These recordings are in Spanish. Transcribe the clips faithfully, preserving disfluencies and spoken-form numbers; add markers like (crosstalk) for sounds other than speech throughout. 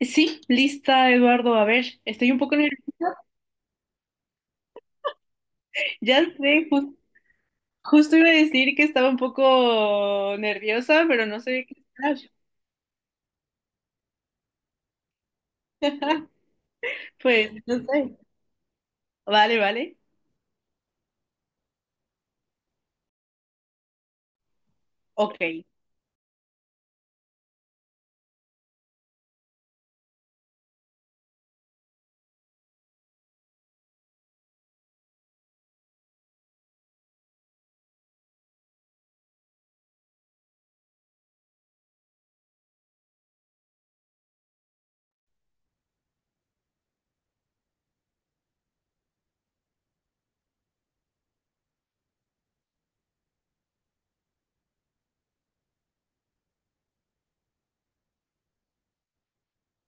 Sí, lista, Eduardo. A ver, estoy un poco nerviosa. Ya sé, ju- justo iba a decir que estaba un poco nerviosa, pero no sé qué hablar. (laughs) Pues, no sé. Vale, vale. Ok,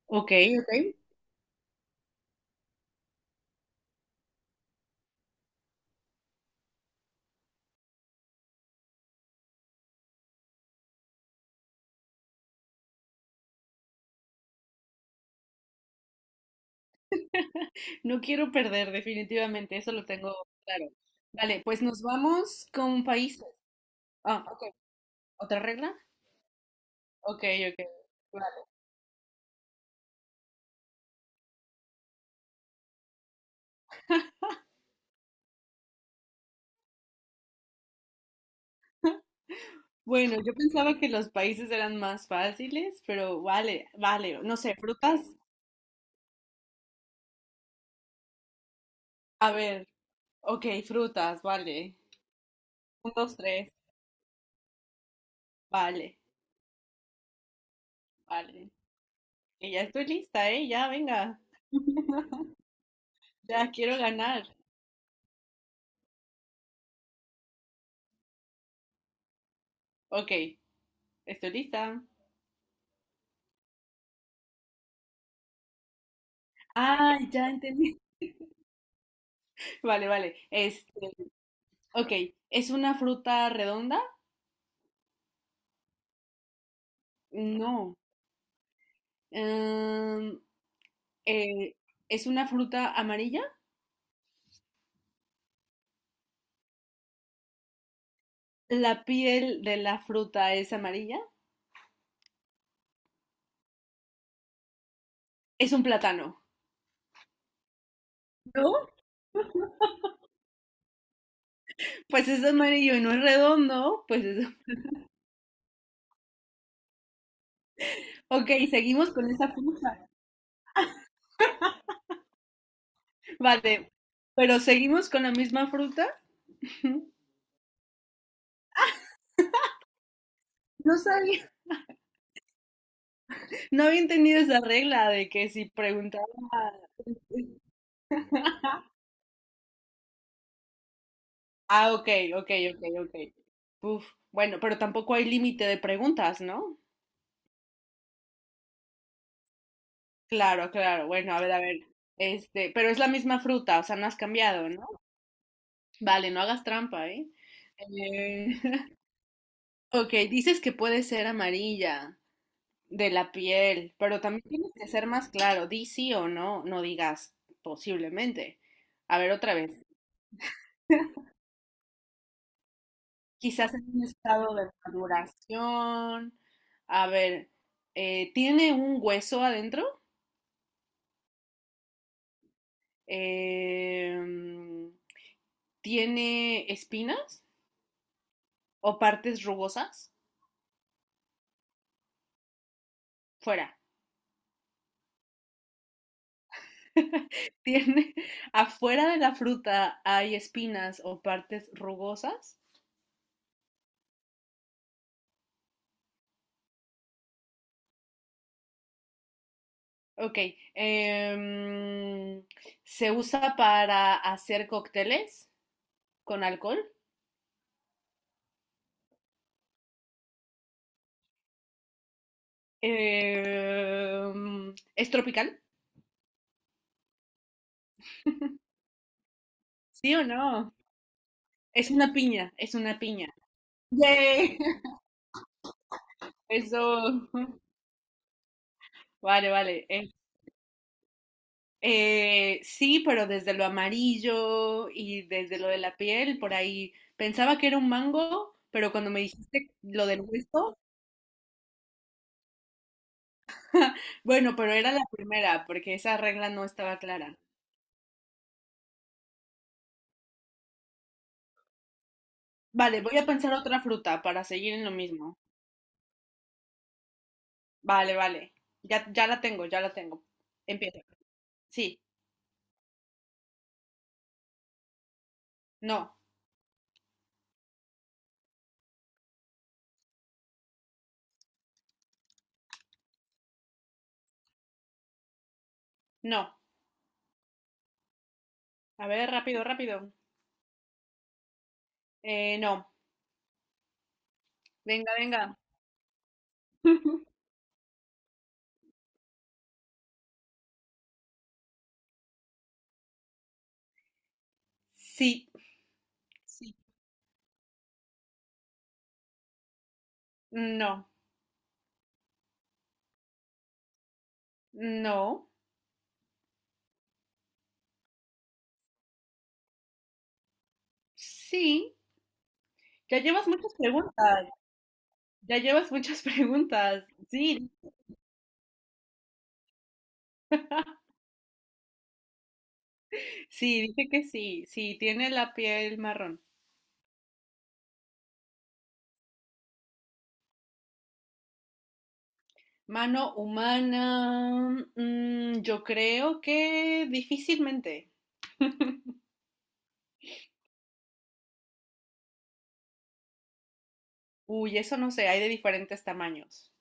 ok, ok. No quiero perder, definitivamente, eso lo tengo claro. Vale, pues nos vamos con países. Ah, ok. ¿Otra regla? Ok, ok. Vale. Bueno, yo pensaba que los países eran más fáciles, pero vale, vale. No sé, frutas. A ver. Ok, frutas, vale. Un, dos, tres, vale, vale. Y ya estoy lista, ¿eh? Ya, venga. Ya quiero ganar. Ok, estoy lista. Ah, ya entendí. (laughs) Vale, vale. Este, ok, ¿es una fruta redonda? No. Em, eh, ¿Es una fruta amarilla? ¿La piel de la fruta es amarilla? Es un plátano. ¿No? Pues es amarillo y no es redondo. Pues es. (laughs) Ok, seguimos con esa fruta. Vale, pero seguimos con la misma fruta. No sabía, no habían tenido esa regla de que si preguntaba. Ah, ok, ok, ok, ok. Uf, bueno, pero tampoco hay límite de preguntas, ¿no? Claro, claro. Bueno, a ver, a ver. Este, pero es la misma fruta, o sea, no has cambiado, ¿no? Vale, no hagas trampa, ¿eh? Eh, (laughs) ok, dices que puede ser amarilla de la piel, pero también tienes que ser más claro. Di sí o no, no digas posiblemente. A ver, otra vez. Quizás en un estado de maduración. A ver, eh, ¿tiene un hueso adentro? Em, ¿Tiene espinas o partes rugosas? Fuera. (laughs) ¿Tiene Afuera de la fruta hay espinas o partes rugosas? Ok. em, ¿Se usa para hacer cócteles con alcohol? Em, ¿es tropical? ¿Sí o no? Es una piña, es una piña. Yay. (laughs) Eso, vale, vale. Es- eh, sí, pero desde lo amarillo y desde lo de la piel, por ahí pensaba que era un mango, pero cuando me dijiste lo del hueso, bueno, pero era la primera, porque esa regla no estaba clara. Vale, voy a pensar otra fruta para seguir en lo mismo. Vale, vale. Ya, ya la tengo, ya la tengo. Empieza. Sí, no, no. A ver, rápido, rápido. Eh, no. Venga, venga. (laughs) Sí, sí, no, no, sí. Ya llevas muchas preguntas, ya llevas muchas (laughs) preguntas. Sí, sí, dije que sí, sí, tiene la piel marrón. Mano humana, mm, yo creo que difícilmente. (laughs) Uy, eso no sé, hay de diferentes tamaños.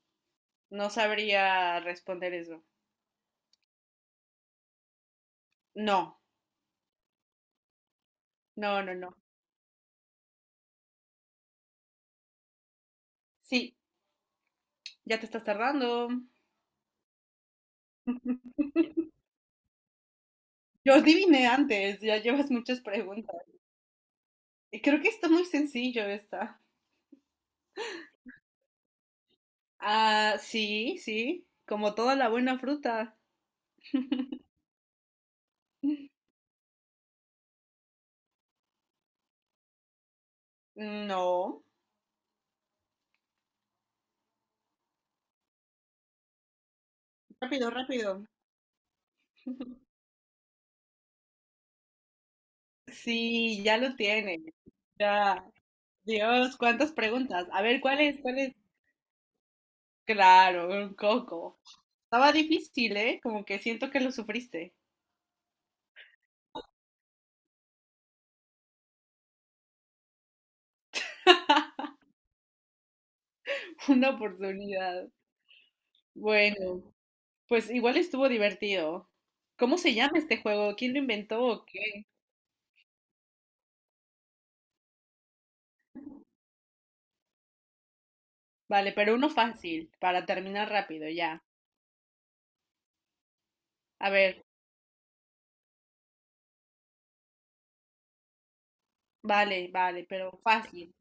No sabría responder eso. No, no, no, no. Sí, ya te estás tardando. (laughs) Yo adiviné antes, ya llevas muchas preguntas. Eh, Creo que está muy sencillo esta. Ah, sí, sí, como toda la buena fruta. No. Rápido, rápido. (laughs) Sí, ya lo tiene. Ya. Dios, cuántas preguntas. A ver, ¿cuál es? ¿Cuál es? Claro, un coco. Estaba difícil, ¿eh? Como que siento que lo sufriste. (laughs) Una oportunidad. Bueno, pues igual estuvo divertido. ¿Cómo se llama este juego? ¿Quién lo inventó o qué? Vale, pero uno fácil, para terminar rápido, ya. A ver. Vale, vale, pero fácil.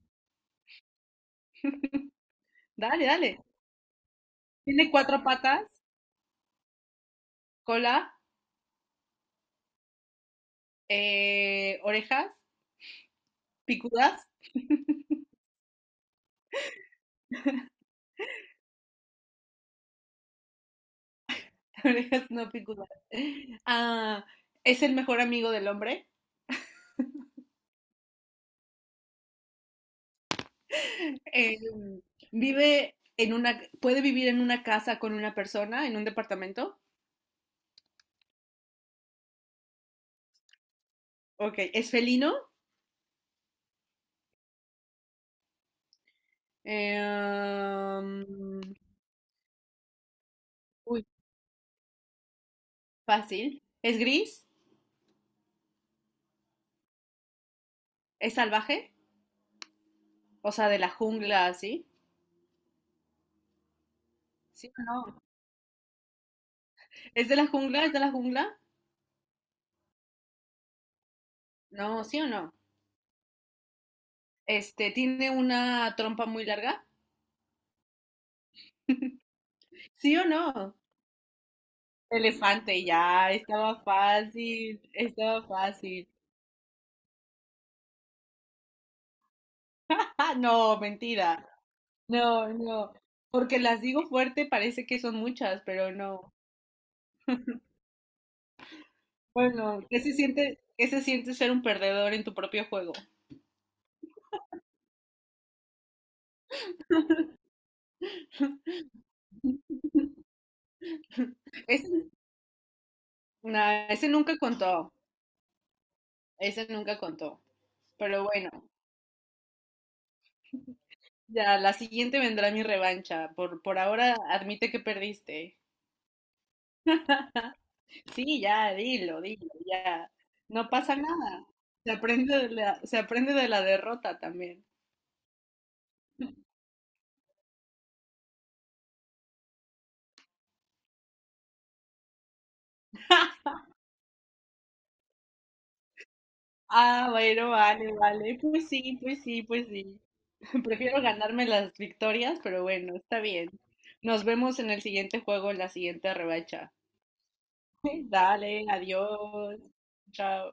Dale, dale. Tiene cuatro patas, cola, eh, orejas, picudas, (laughs) orejas no picudas. Ah, es el mejor amigo del hombre. Eh, vive en una, Puede vivir en una casa con una persona, en un departamento. Ok, es felino. Eh, um, Uy, fácil. Es gris, es salvaje, o sea, de la jungla, ¿sí? ¿Sí o no? ¿Es de la jungla? ¿Es de la jungla? No, ¿sí o no? Este, tiene una trompa muy larga. ¿Sí o no? Elefante, ya, estaba fácil, estaba fácil. Ah, no, mentira. No, no. Porque las digo fuerte, parece que son muchas, pero no. Bueno, ¿qué se siente, qué se siente ser un perdedor en tu propio juego? Ese, nah, ese nunca contó, ese nunca contó. Pero bueno, ya, la siguiente vendrá mi revancha. Por, por ahora, admite que perdiste. Sí, ya, dilo, dilo, ya. No pasa nada. Se aprende de la, se aprende de la derrota también. (laughs) Ah, bueno, vale, vale. Pues sí, pues sí, pues sí. (laughs) Prefiero ganarme las victorias, pero bueno, está bien. Nos vemos en el siguiente juego, en la siguiente revancha. (laughs) Dale, adiós. Chao.